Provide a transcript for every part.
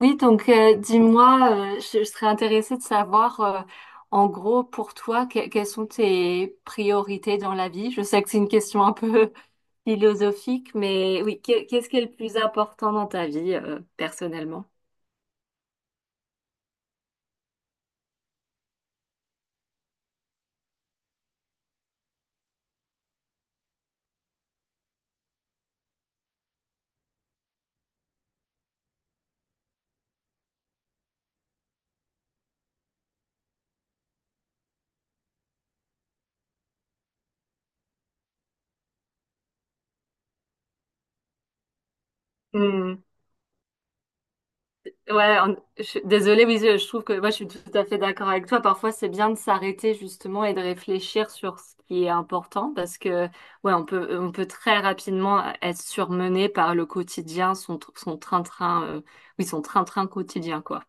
Oui, dis-moi, je serais intéressée de savoir, en gros, pour toi, quelles sont tes priorités dans la vie? Je sais que c'est une question un peu philosophique, mais oui, qu'est-ce qui est le plus important dans ta vie, personnellement? Ouais, je suis désolée, oui, je trouve que moi je suis tout à fait d'accord avec toi. Parfois, c'est bien de s'arrêter justement et de réfléchir sur ce qui est important parce que ouais, on peut très rapidement être surmené par le quotidien, son son train-train, oui, son train-train quotidien quoi.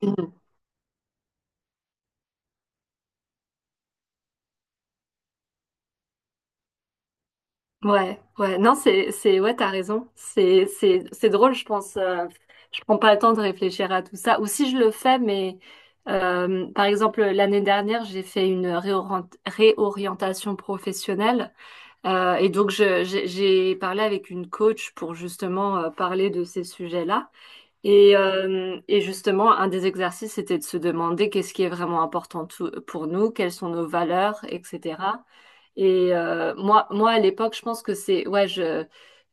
Mhm. Ouais, ouais, non, ouais, t'as raison. C'est drôle, je pense. Je prends pas le temps de réfléchir à tout ça. Ou si je le fais, mais par exemple, l'année dernière, j'ai fait une réorientation professionnelle. Et donc, j'ai parlé avec une coach pour justement parler de ces sujets-là. Et justement, un des exercices, c'était de se demander qu'est-ce qui est vraiment important pour nous, quelles sont nos valeurs, etc. Et moi, à l'époque, je pense que c'est, ouais,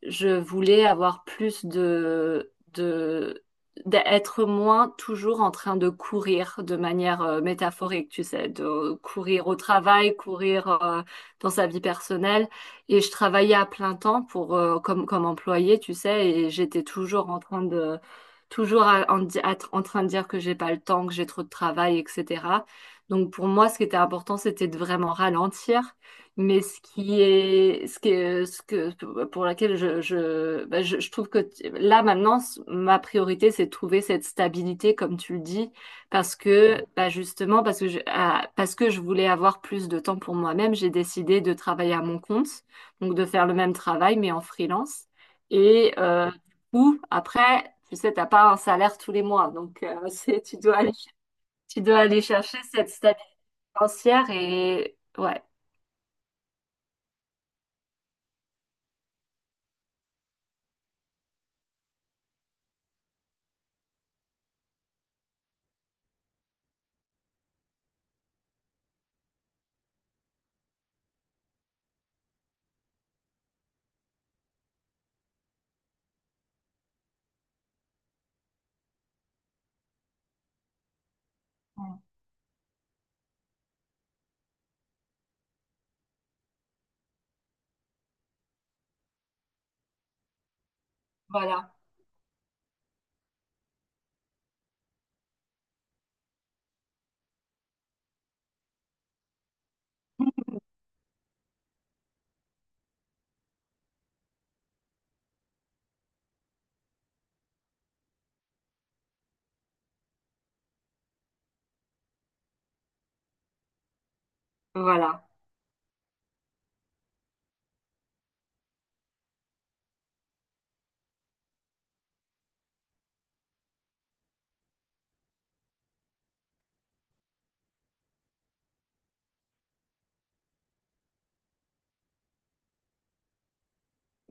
je voulais avoir d'être moins toujours en train de courir de manière métaphorique, tu sais, de courir au travail, courir dans sa vie personnelle. Et je travaillais à plein temps pour, comme employée, tu sais, et j'étais toujours en train de toujours en train de dire que j'ai pas le temps, que j'ai trop de travail, etc. Donc pour moi, ce qui était important, c'était de vraiment ralentir. Mais ce qui est, ce qui est- ce que, pour laquelle bah, je trouve que là maintenant, ma priorité, c'est de trouver cette stabilité, comme tu le dis, parce que, bah, justement, parce que je voulais avoir plus de temps pour moi-même, j'ai décidé de travailler à mon compte, donc de faire le même travail, mais en freelance. Et, ou après, tu sais, t'as pas un salaire tous les mois, donc tu dois aller chercher cette stabilité financière et ouais, voilà, voilà,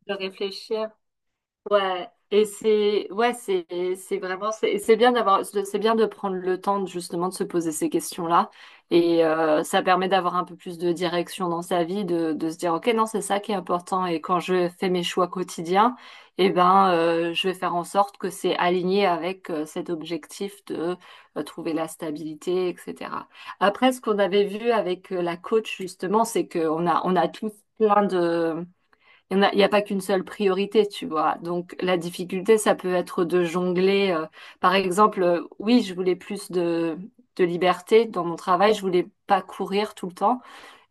de réfléchir. Ouais, et c'est bien d'avoir c'est bien de prendre le temps de, justement de se poser ces questions-là et ça permet d'avoir un peu plus de direction dans sa vie de se dire OK, non, c'est ça qui est important et quand je fais mes choix quotidiens, eh ben je vais faire en sorte que c'est aligné avec cet objectif de trouver la stabilité, etc. Après, ce qu'on avait vu avec la coach justement, c'est que on a tous plein de il y a pas qu'une seule priorité, tu vois. Donc la difficulté, ça peut être de jongler. Par exemple, oui, je voulais de liberté dans mon travail, je voulais pas courir tout le temps.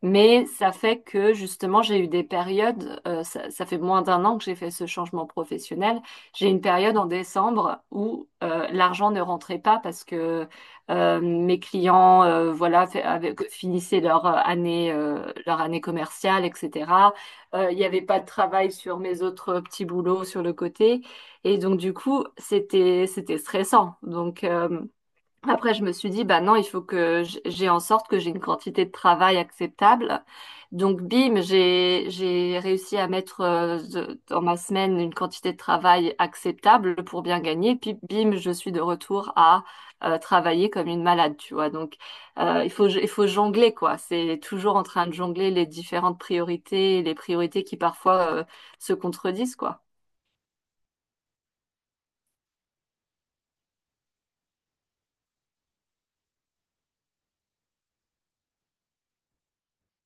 Mais ça fait que justement, j'ai eu des périodes, ça fait moins d'un an que j'ai fait ce changement professionnel. J'ai eu une période en décembre où l'argent ne rentrait pas parce que mes clients voilà, finissaient leur année commerciale, etc. Il n'y avait pas de travail sur mes autres petits boulots sur le côté. Et donc, du coup, c'était stressant. Donc, après, je me suis dit, bah non, il faut que j'ai en sorte que j'ai une quantité de travail acceptable. Donc, bim, j'ai réussi à mettre dans ma semaine une quantité de travail acceptable pour bien gagner. Puis, bim, je suis de retour à travailler comme une malade, tu vois. Donc, il faut jongler, quoi. C'est toujours en train de jongler les différentes priorités, les priorités qui parfois se contredisent, quoi.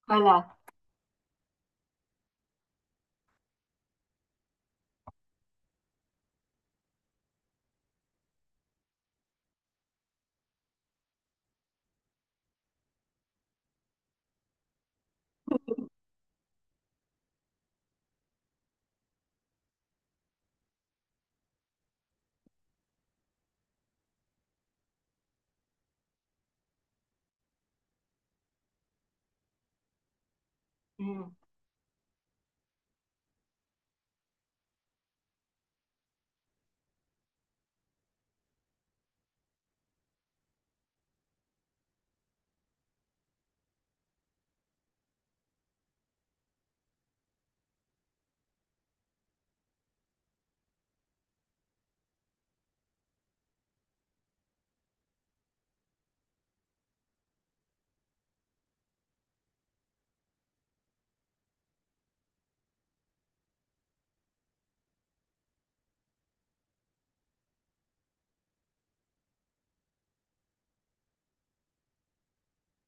Voilà. Mm.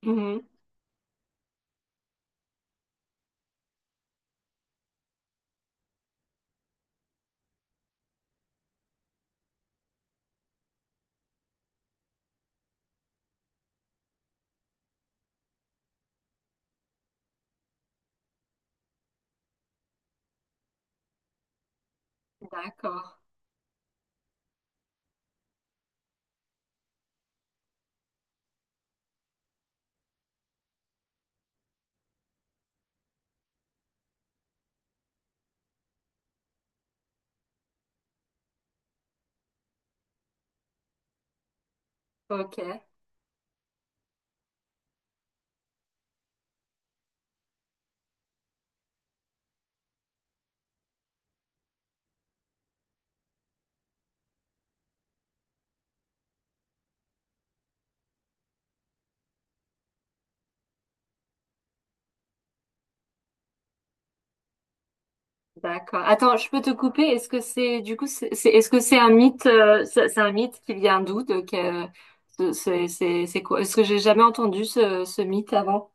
Mhm. D'accord. Ok. D'accord. Attends, je peux te couper? Est-ce que c'est du coup est-ce que c'est un mythe c'est un mythe qui vient d'où c'est quoi? Est-ce que j'ai jamais entendu ce mythe avant?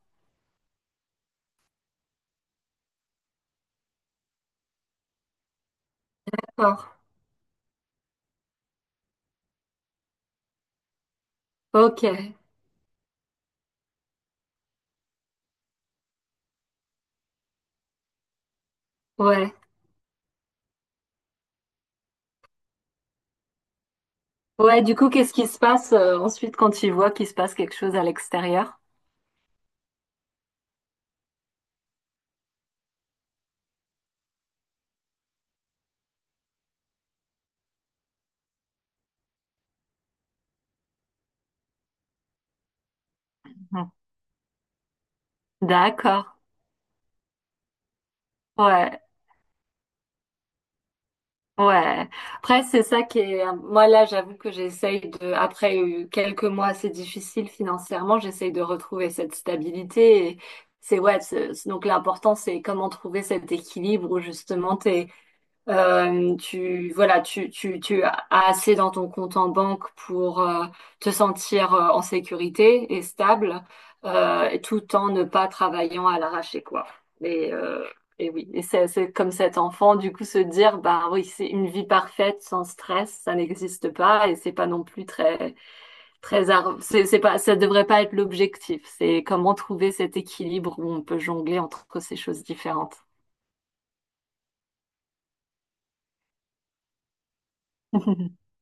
D'accord. Ok. Ouais. Ouais, du coup, qu'est-ce qui se passe ensuite quand tu vois qu'il se passe quelque chose à l'extérieur? Mhm. D'accord. Ouais. Ouais. Après, c'est ça qui est. Moi, là, j'avoue que j'essaye de. Après quelques mois assez difficiles financièrement, j'essaye de retrouver cette stabilité. Et donc l'important, c'est comment trouver cet équilibre où justement, tu voilà, tu as assez dans ton compte en banque pour te sentir en sécurité et stable, et tout en ne pas travaillant à l'arraché, quoi. Et, euh, et oui, et c'est comme cet enfant, du coup, se dire, bah oui, c'est une vie parfaite sans stress, ça n'existe pas, et c'est pas non plus c'est pas ça devrait pas être l'objectif. C'est comment trouver cet équilibre où on peut jongler entre ces choses différentes.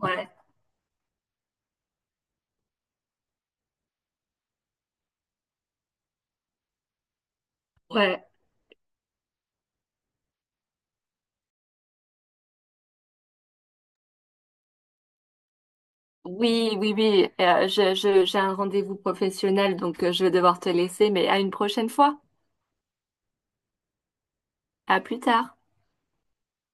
Ouais, ouais. Oui, oui, oui. J'ai un rendez-vous professionnel, donc je vais devoir te laisser, mais à une prochaine fois. À plus tard.